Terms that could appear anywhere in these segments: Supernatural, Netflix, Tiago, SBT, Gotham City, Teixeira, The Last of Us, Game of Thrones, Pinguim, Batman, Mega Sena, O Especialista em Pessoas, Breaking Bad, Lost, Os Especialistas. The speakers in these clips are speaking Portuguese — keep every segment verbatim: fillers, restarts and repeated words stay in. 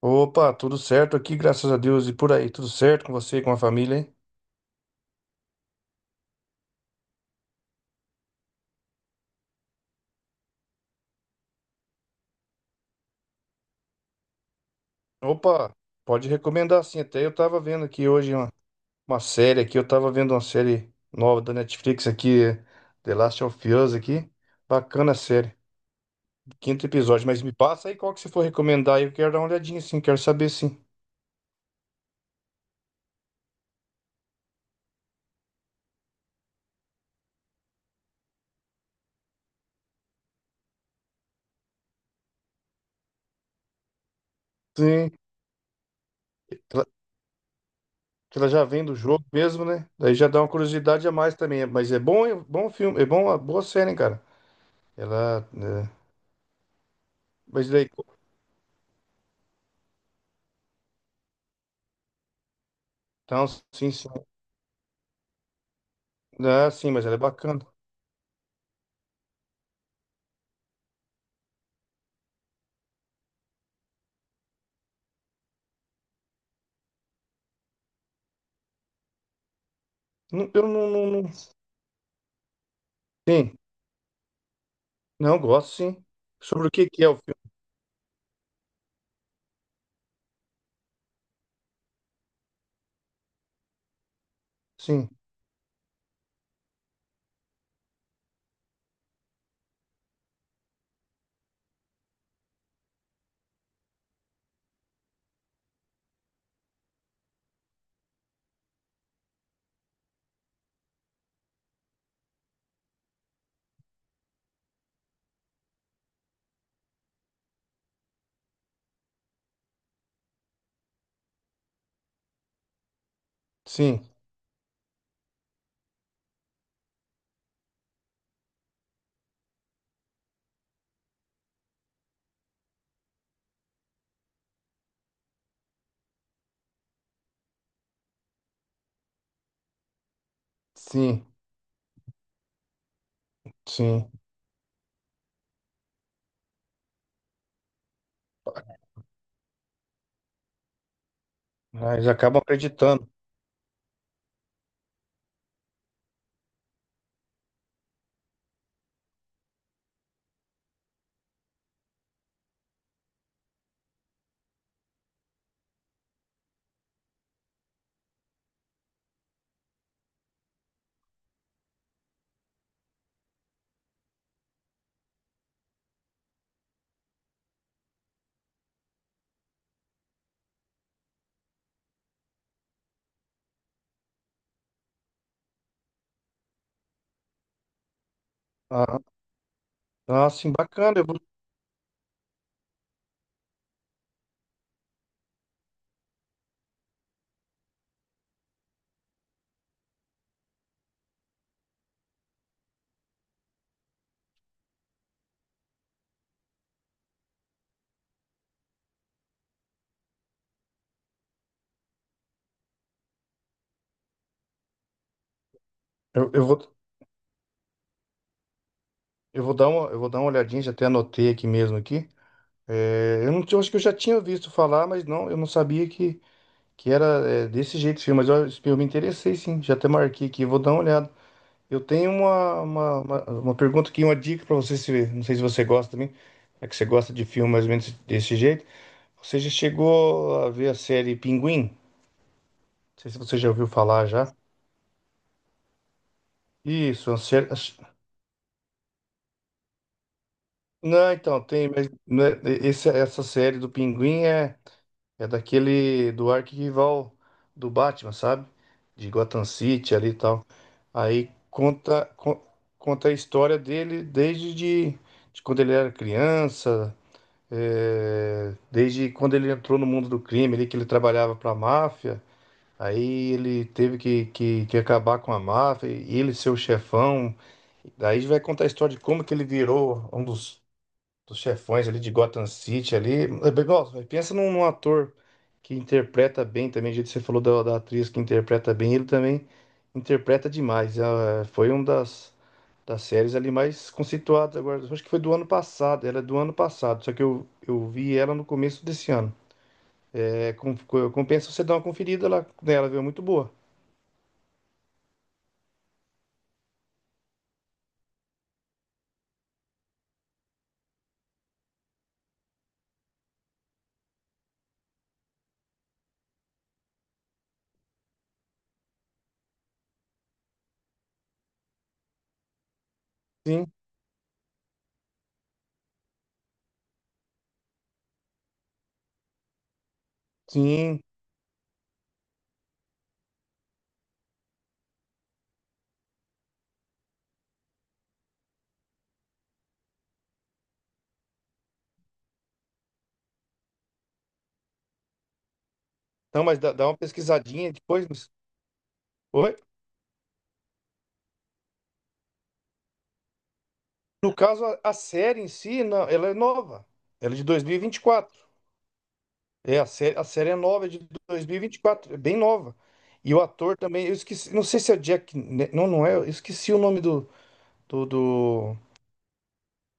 Opa, tudo certo aqui, graças a Deus. E por aí, tudo certo com você, e com a família, hein? Opa, pode recomendar sim. Até eu tava vendo aqui hoje uma, uma série aqui, eu tava vendo uma série nova da Netflix aqui, The Last of Us aqui. Bacana a série, quinto episódio. Mas me passa aí qual que você for recomendar aí, eu quero dar uma olhadinha sim, quero saber sim. Sim, ela, que ela já vem do jogo mesmo, né? Daí já dá uma curiosidade a mais também. Mas é bom, é bom filme, é bom, uma boa série, hein, cara? Ela, é... Mas daí, então, sim, sim. Ah, sim, mas ela é bacana. Não- Eu não, não, não- Sim, não, gosto, sim. Sobre o que que é o filme? Sim, sim, sim, sim. Ah, eles acabam acreditando. Ah, ah, sim, bacana. Eu vou, eu, eu vou, eu vou dar uma, eu vou dar uma olhadinha, já até anotei aqui mesmo aqui. É, eu não, tinha- Eu acho que eu já tinha visto falar, mas não, eu não sabia que, que era, é, desse jeito o filme. Mas eu, eu me interessei, sim. Já até marquei aqui, vou dar uma olhada. Eu tenho uma, uma, uma, uma pergunta aqui, uma dica para você, se, não sei se você gosta também, é que você gosta de filme mais ou menos desse jeito. Você já chegou a ver a série Pinguim? Não sei se você já ouviu falar já. Isso, a série... Não, então, tem, mas não é- esse- Essa série do Pinguim é, é daquele, do arquirrival do Batman, sabe? De Gotham City ali e tal. Aí conta, con- Conta a história dele desde de de quando ele era criança. É, desde quando ele entrou no mundo do crime, ali que ele trabalhava para a máfia, aí ele teve que, que, que acabar com a máfia, e ele ser o chefão. Daí vai contar a história de como que ele virou um dos dos chefões ali de Gotham City ali. É, eh, igual, é, pensa num, num ator que interpreta bem também, do jeito que você falou da, da atriz que interpreta bem, ele também interpreta demais. Ah, foi uma das, das séries ali mais conceituadas agora. Acho que foi do ano passado, ela é do ano passado, só que eu, eu vi ela no começo desse ano. É, com- co- compensa você dar uma conferida lá nela, viu? É muito boa. Sim, sim. Então, mas dá, dá uma pesquisadinha depois. Oi? No caso, a, a série em si, não, ela é nova. Ela é de dois mil e vinte e quatro. É, a série, a série é nova, é de dois mil e vinte e quatro. É bem nova. E o ator também, eu esqueci, não sei se é o Jack. Ne- Não, não é. Eu esqueci o nome do, do, do,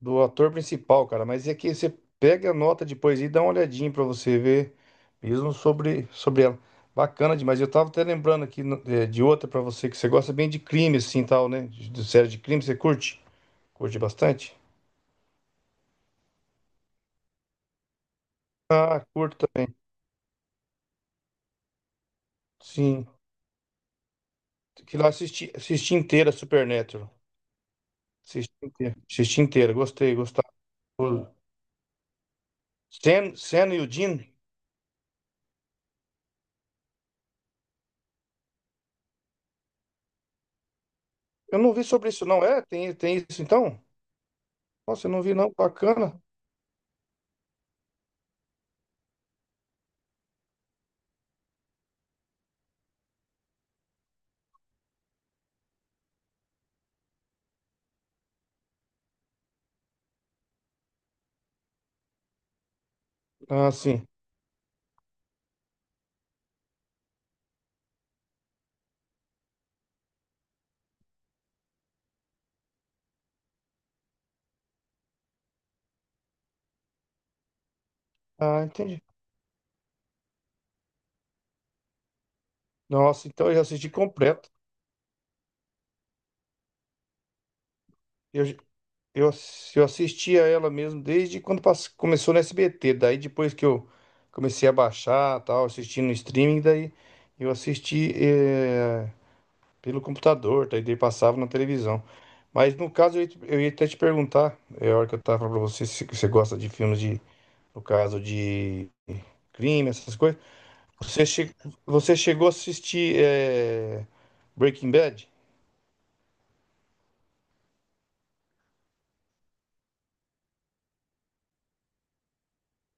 do ator principal, cara. Mas é que você pega a nota depois e dá uma olhadinha pra você ver mesmo sobre, sobre ela. Bacana demais. Eu tava até lembrando aqui no- é, de outra pra você, que você gosta bem de crime, assim, tal, né? De, de série de crime, você curte? Curte bastante? Ah, curto também. Sim. Que lá eu assisti, assisti inteira Supernatural. Assisti inteira. Assisti inteira. Gostei, gostava. Sen, Sen e o Dean. Eu não vi sobre isso, não. É? Tem, tem isso então? Nossa, eu não vi, não. Bacana. Ah, sim. Ah, entendi. Nossa, então eu já assisti completo. Eu, eu, ass- eu assisti a ela mesmo desde quando pass- começou no S B T. Daí depois que eu comecei a baixar, tal, assistindo no streaming, daí eu assisti. Eh, pelo computador, daí daí passava na televisão. Mas no caso, eu ia, te- eu ia até te perguntar, é a hora que eu tava falando pra você, se você gosta de filmes de, no caso de crime, essas coisas. Você, che, Você chegou a assistir é, Breaking Bad?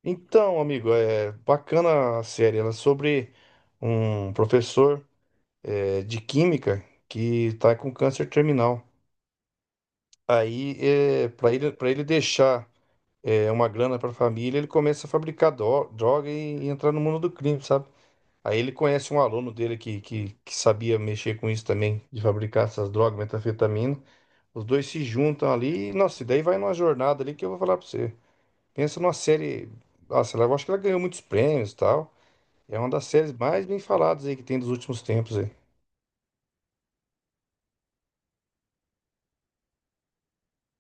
Então, amigo, é bacana a série. Ela é sobre um professor é, de química que tá com câncer terminal. Aí, é, para ele, para ele deixar é, uma grana para a família, ele começa a fabricar dro- droga e, e entrar no mundo do crime, sabe? Aí ele conhece um aluno dele que, que, que sabia mexer com isso também, de fabricar essas drogas, metanfetamina. Os dois se juntam ali e, nossa, e daí vai numa jornada ali que eu vou falar pra você. Pensa numa série. Nossa, ela- eu acho que ela ganhou muitos prêmios e tal. É uma das séries mais bem faladas aí que tem dos últimos tempos aí.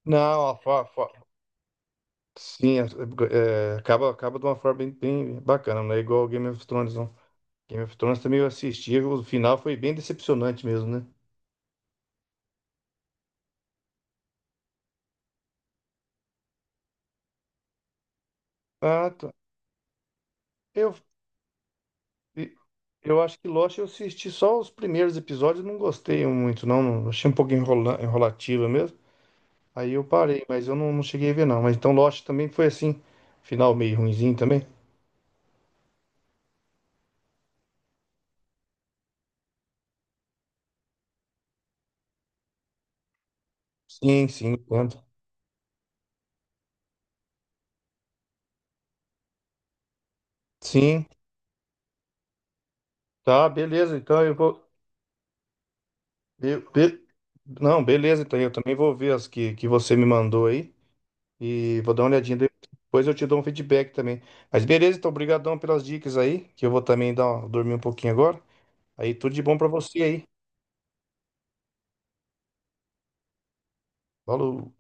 Não, a fa- fa- Sim, é, é, acaba, acaba de uma forma bem, bem bacana, não é igual ao Game of Thrones, não. Game of Thrones também eu assisti, o final foi bem decepcionante mesmo, né? Ah, tá. Eu, eu acho que Lost eu assisti só os primeiros episódios, não gostei muito, não. não- Achei um pouco enrola, enrolativa mesmo. Aí eu parei, mas eu não, não cheguei a ver, não. Mas então Lost também foi assim, final meio ruinzinho também. Sim, sim, entendo. Sim, tá, beleza. Então eu vou. Eu- be- não, Beleza, então eu também vou ver as que, que você me mandou aí. E vou dar uma olhadinha. Depois eu te dou um feedback também. Mas beleza, então, obrigadão pelas dicas aí, que eu vou também dar, dormir um pouquinho agora. Aí tudo de bom pra você aí. Falou.